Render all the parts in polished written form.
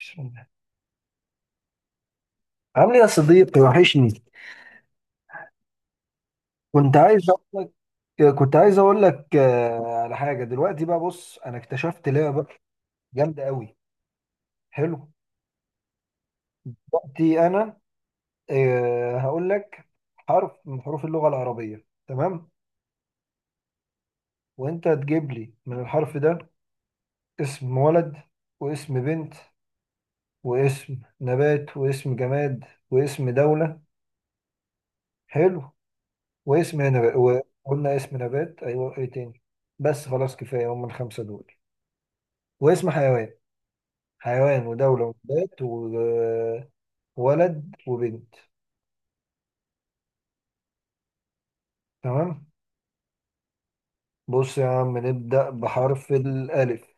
عامل ايه يا صديقي وحشني. كنت عايز اقول لك كنت عايز اقول لك على حاجه دلوقتي، بقى بص، انا اكتشفت لعبه جامده قوي. حلو، دلوقتي انا هقول لك حرف من حروف اللغه العربيه، تمام، وانت تجيب لي من الحرف ده اسم ولد، واسم بنت، واسم نبات، واسم جماد، واسم دوله. حلو، واسم نبات، وقلنا اسم نبات، ايوه ايه تاني؟ بس خلاص كفايه هم الخمسه دول، واسم حيوان. حيوان ودولة ونبات وولد وبنت. تمام. بص يا عم، نبدأ بحرف الألف.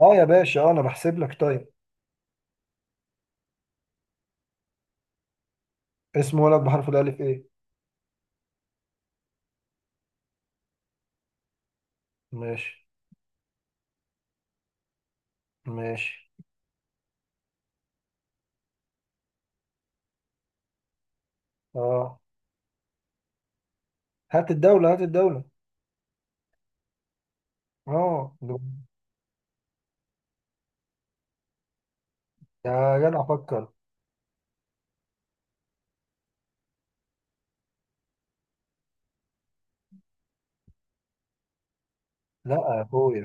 اه يا باشا، اه انا بحسب لك، طيب. اسم ولد بحرف الألف ايه؟ ماشي. ماشي. اه، هات الدولة هات الدولة. اه، يا جدع فكر. لا يا اخويا.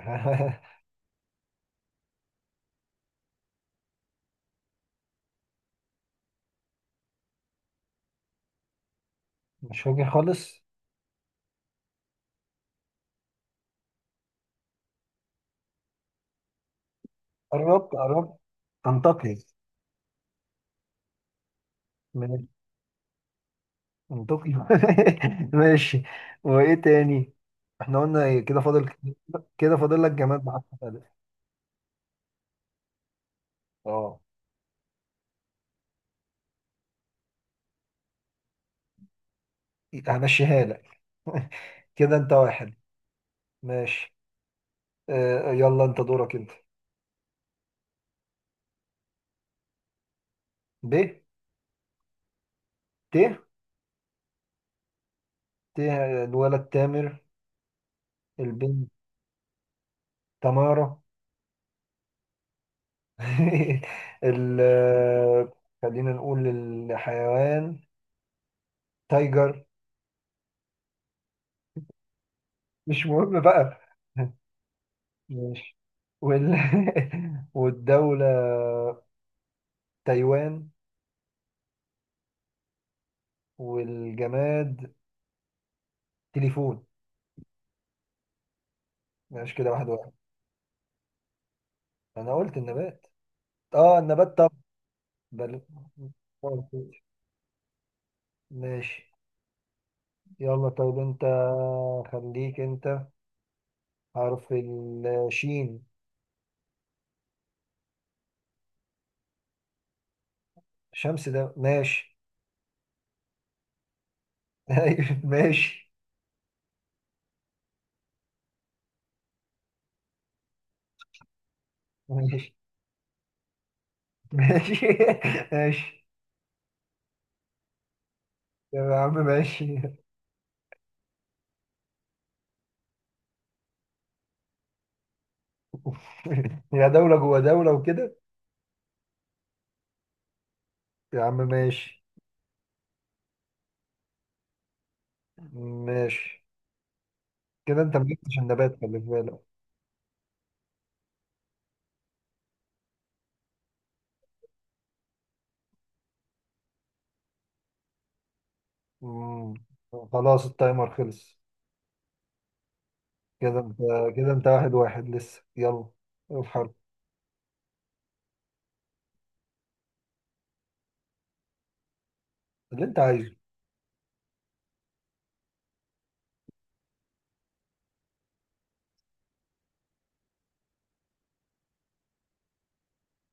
مش فاكر خالص. قربت قربت، انطقي. من طوكيو. ماشي. وايه تاني؟ احنا قلنا ايه كده فاضل؟ كده فاضل لك جماد بحرف الف. اه، همشيها لك. كده انت واحد. ماشي. يلا انت دورك انت. ب. ت. ت. الولد تامر، البنت تمارة. ال خلينا نقول الحيوان. تايجر. مش مهم بقى. ماشي. وال... والدولة تايوان، والجماد تليفون. ماشي كده، واحد واحد. انا قلت النبات. اه النبات، طب بل... ماشي. يلا طيب، انت خليك انت. حرف الشين. شمس ده ماشي. أيوة، ماشي. ماشي. ماشي. ماشي يا عم. ماشي. يا دولة جوا دولة وكده. يا عم ماشي. ماشي. كده انت ما جبتش النبات، خلي بالك. مم. خلاص التايمر خلص. كده انت، كده انت واحد واحد لسه. يلا الحرف اللي انت عايزه.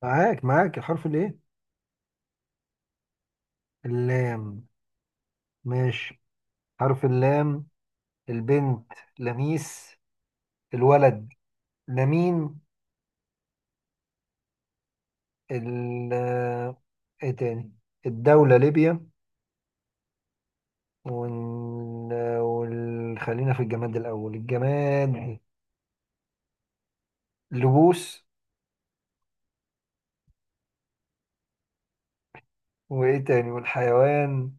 معاك معاك، الحرف الايه؟ اللام. ماشي، حرف اللام. البنت لميس، الولد لمين. ال ايه تاني؟ الدولة ليبيا. وال... خلينا في الجماد الأول، الجماد لبوس. وإيه تاني؟ والحيوان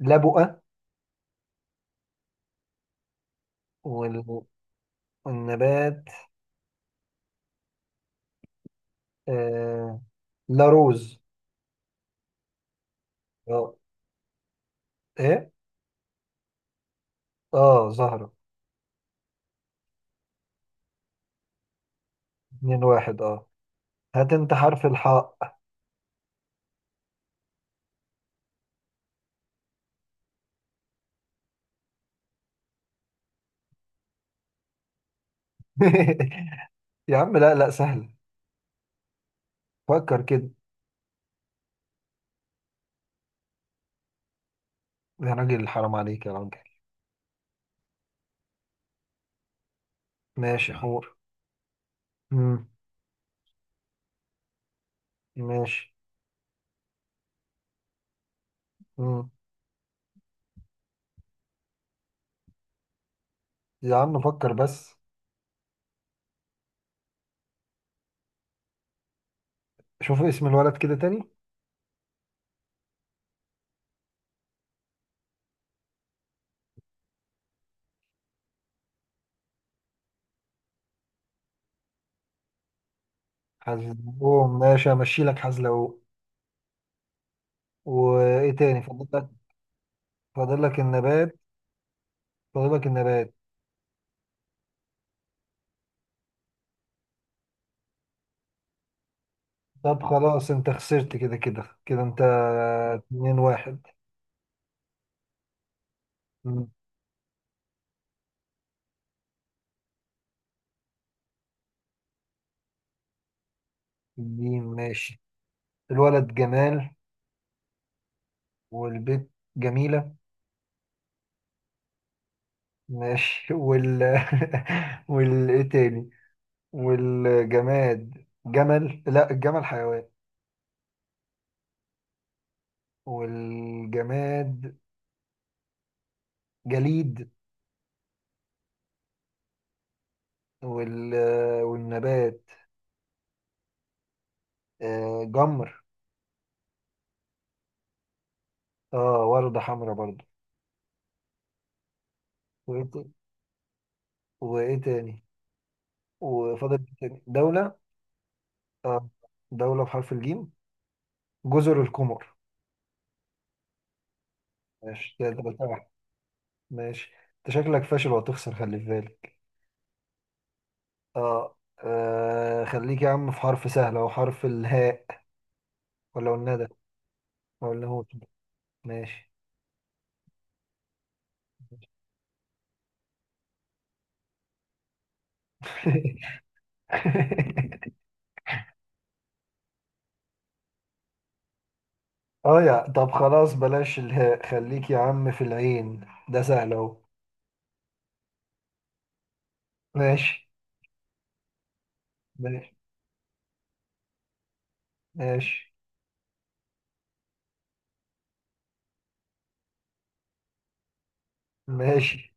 لبؤة. وال... والنبات آه... لاروز. اه ايه؟ اه زهرة. اتنين واحد، اه. هات انت حرف الحاء. يا عم لا لا، سهل، فكر كده. يا راجل، حرام عليك يا راجل. ماشي، حور. مم. ماشي. مم. يا عم فكر بس. شوف اسم الولد كده تاني. حزلقوم، ماشي، همشي لك حزلقوم. وايه تاني فاضل لك؟ فاضل لك النبات. فاضل لك النبات. طب خلاص انت خسرت، كده كده كده انت. اتنين واحد. مم. جيم، ماشي. الولد جمال، والبيت جميلة. ماشي. وال ايه تاني؟ والجماد جمل، لا الجمل حيوان. والجماد جليد. وال والنبات جمر. اه وردة حمراء برضو. وايه تاني؟ وايه تاني؟ وفضل إيه تاني؟ دولة، اه. دولة بحرف الجيم، جزر القمر. ماشي كده، تلاتة واحد. ماشي. انت شكلك فاشل وهتخسر، خلي في بالك. اه، خليك يا عم في حرف سهل، او حرف الهاء، ولا والندى، ولا هو كده. ماشي. اه يا طب خلاص بلاش الهاء، خليك يا عم في العين، ده سهل اهو. ماشي. ماشي. ماشي. ماشي.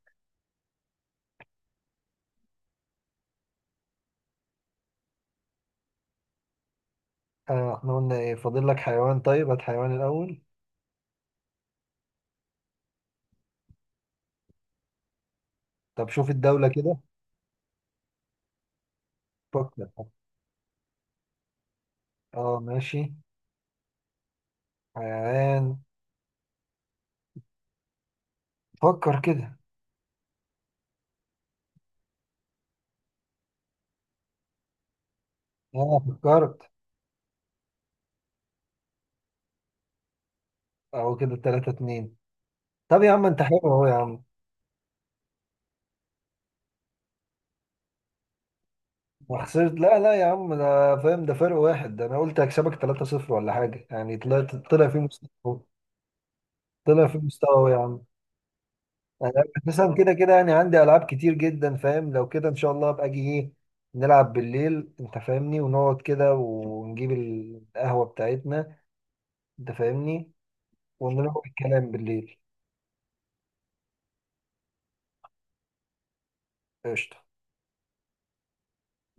آه احنا قلنا ايه فاضل لك؟ حيوان، طيب هات حيوان الاول. طب شوف الدولة كده، فكر. اه ماشي. حيوان، فكر كده. اه فكرت، اهو كده تلاتة اتنين. طب يا عم انت حلو اهو يا عم. وخسرت، لا لا يا عم، ده فاهم، ده فرق واحد، ده انا قلت هكسبك 3-0 ولا حاجه، يعني طلعت، طلع في مستوى. طلع في مستوى يا عم. انا مثلا كده كده، يعني عندي العاب كتير جدا فاهم، لو كده ان شاء الله ابقى اجي ايه نلعب بالليل، انت فاهمني، ونقعد كده ونجيب القهوه بتاعتنا، انت فاهمني، ونروح الكلام بالليل. قشطه.